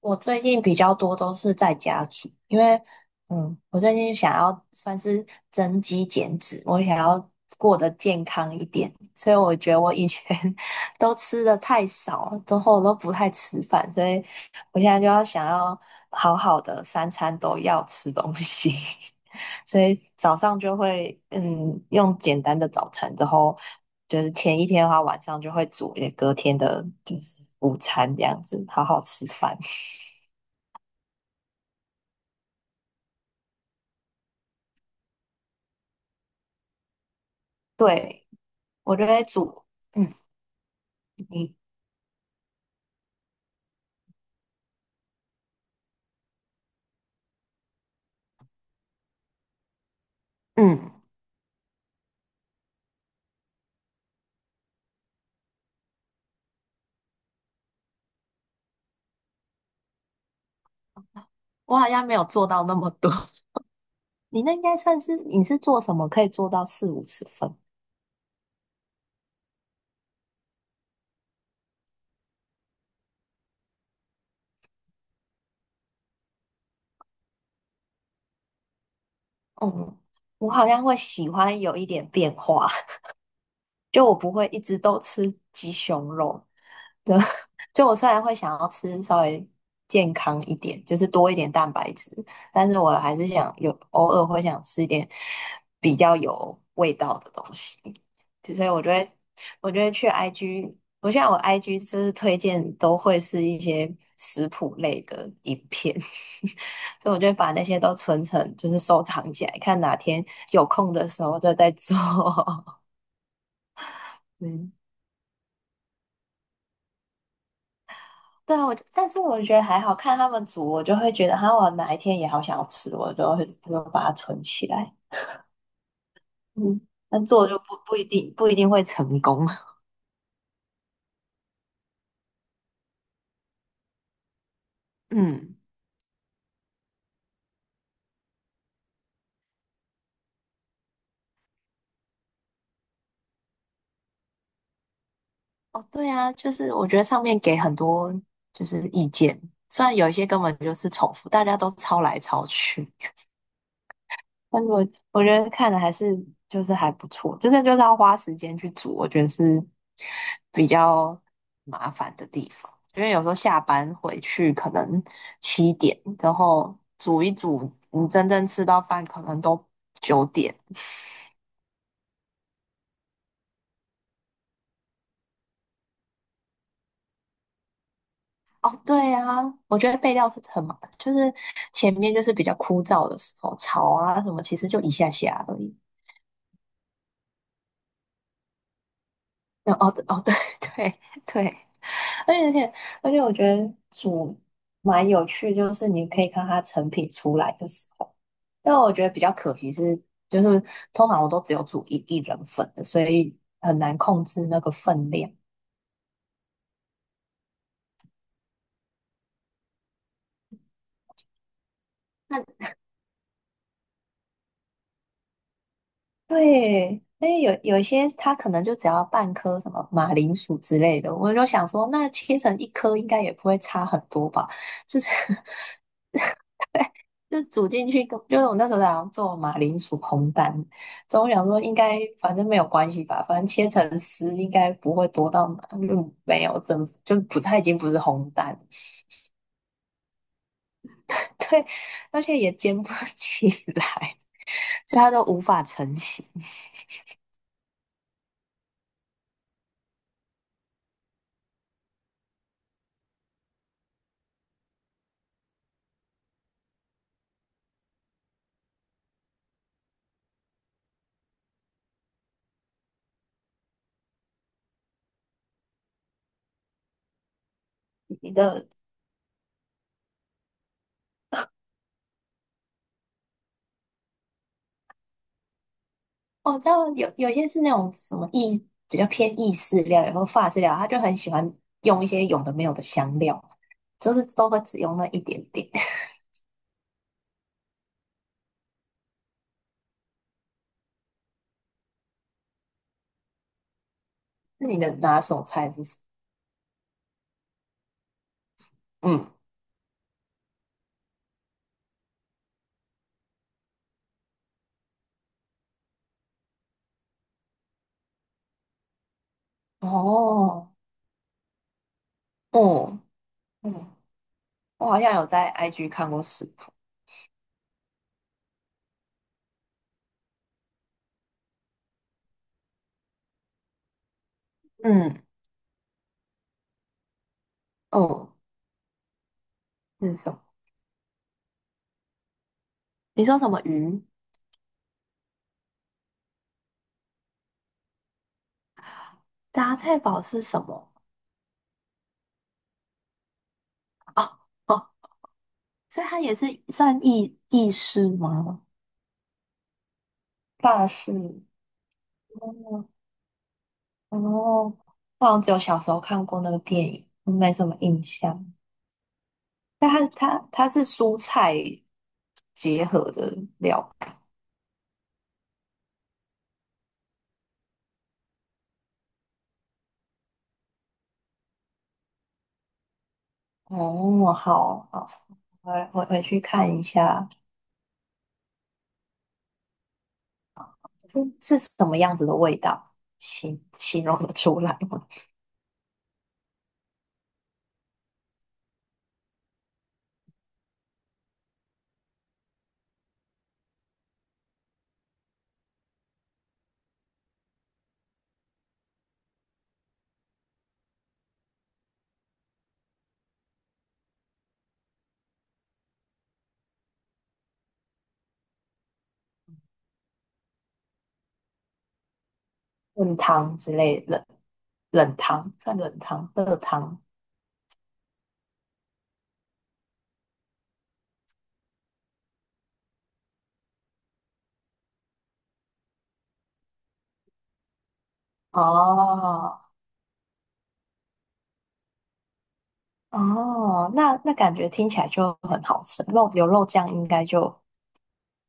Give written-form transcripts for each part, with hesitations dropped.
我最近比较多都是在家煮，因为我最近想要算是增肌减脂，我想要过得健康一点，所以我觉得我以前 都吃的太少，之后都不太吃饭，所以我现在就要想要好好的三餐都要吃东西，所以早上就会用简单的早餐，之后就是前一天的话，晚上就会煮也隔天的就是午餐这样子，好好吃饭。对，我觉得煮，嗯，你，嗯，我好像没有做到那么多。你那应该算是，你是做什么可以做到四五十分？嗯，我好像会喜欢有一点变化。就我不会一直都吃鸡胸肉的，对 就我虽然会想要吃稍微健康一点，就是多一点蛋白质，但是我还是想有偶尔会想吃一点比较有味道的东西，就所以我就会我就得去 IG，我现在我 IG 就是推荐都会是一些食谱类的影片，所以我就会把那些都存成就是收藏起来，看哪天有空的时候就再做。嗯对啊，我就但是我觉得还好看他们煮，我就会觉得，哈，我哪一天也好想要吃，我就会就把它存起来。嗯，但做就不一定会成功。嗯，哦，对啊，就是我觉得上面给很多就是意见，虽然有一些根本就是重复，大家都抄来抄去。但是我觉得看的还是就是还不错，真的就是要花时间去煮，我觉得是比较麻烦的地方。因为有时候下班回去可能七点，然后煮一煮，你真正吃到饭可能都九点。哦，对啊，我觉得备料是很麻烦，就是前面就是比较枯燥的时候，炒啊什么，其实就一下下而已。那哦哦，对 对对，而且而且，而且我觉得煮蛮有趣，就是你可以看它成品出来的时候。但我觉得比较可惜是，就是通常我都只有煮一人份的，所以很难控制那个分量。那对，因为有一些它可能就只要半颗什么马铃薯之类的，我就想说，那切成一颗应该也不会差很多吧？就是 就煮进去根，就是我那时候在好像做马铃薯烘蛋，所以我想说应该反正没有关系吧，反正切成丝应该不会多到哪，就没有整，就不太已经不是烘蛋了，对，而且也煎不 起来，所以它就无法成型。一个我知道有些是那种什么意比较偏意式料然或法式料理，他就很喜欢用一些有的没有的香料，就是都会只用那一点点。那你的拿手菜是什么嗯，哦。哦，嗯，我好像有在 IG 看过食谱。嗯，哦，是什么？你说什么鱼？杂菜煲是什么？哦哦，所以它也是算意式吗？法式。哦，哦，我好像只有小时候看过那个电影，没什么印象。但它是蔬菜结合的料。哦，好好，我回去看一下是什么样子的味道？形容得出来吗？炖汤之类冷汤算冷汤热汤哦哦，那感觉听起来就很好吃，肉有肉酱应该就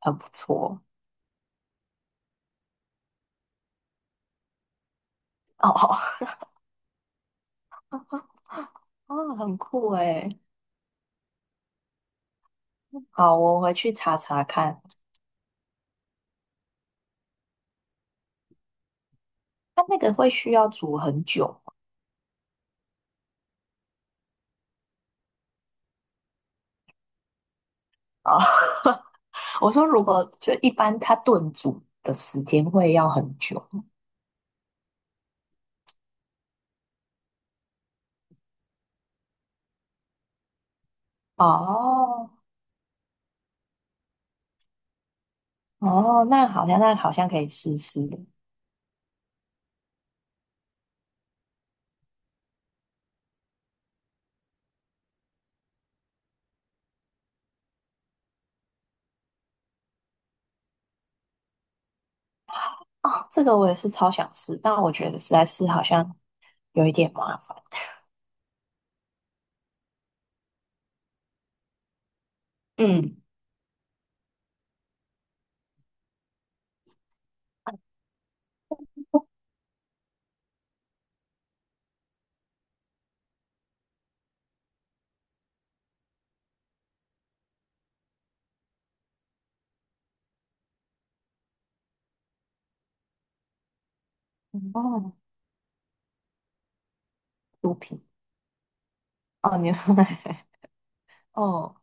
很不错哦哦哦，很酷诶。好，我回去查查看，它那个会需要煮很久啊。哦 我说如果就一般它炖煮的时间会要很久哦。哦，那好像那好像可以试试的。哦，这个我也是超想试，但我觉得实在是好像有一点麻烦。嗯，哦，毒品。哦，你 哦，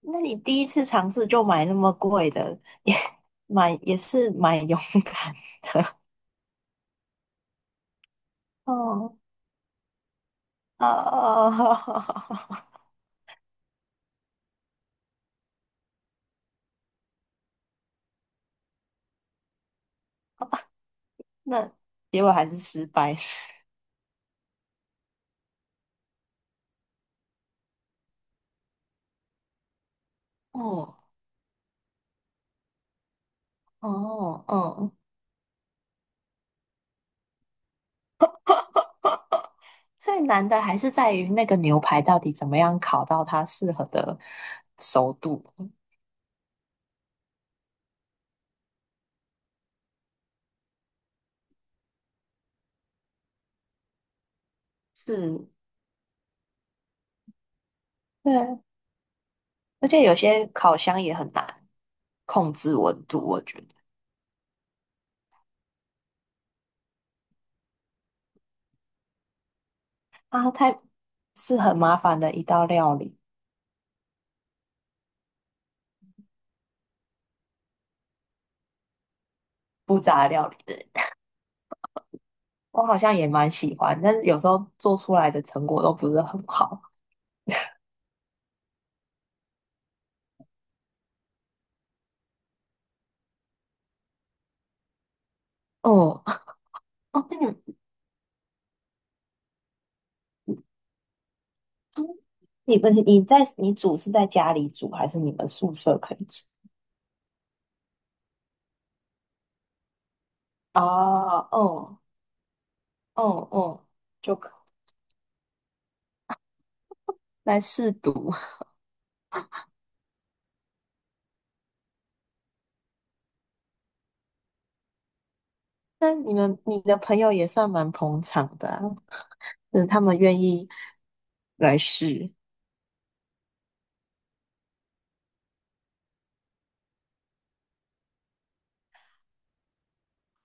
那你第一次尝试就买那么贵的，也蛮也是蛮勇敢的。哦，哦。那结果还是失败。哦，哦，哦，最难的还是在于那个牛排到底怎么样烤到它适合的熟度。是，对，而且有些烤箱也很难控制温度，我觉得啊，太是很麻烦的一道料理，不杂料理。我好像也蛮喜欢，但是有时候做出来的成果都不是很好。嗯，哦，那你们你煮是在家里煮，还是你们宿舍可以煮？啊，哦，哦，哦，就可。来试读。那你们你的朋友也算蛮捧场的啊，就是他们愿意来试。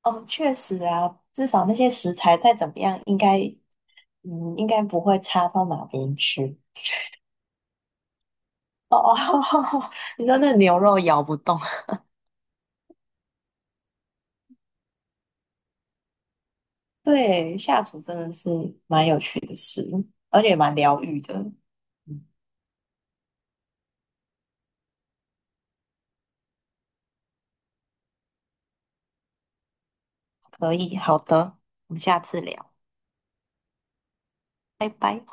哦，确实啊，至少那些食材再怎么样，应该应该不会差到哪边去。哦哦，你说那牛肉咬不动。对，下厨真的是蛮有趣的事，而且蛮疗愈的。嗯，可以，好的，我们下次聊，拜拜。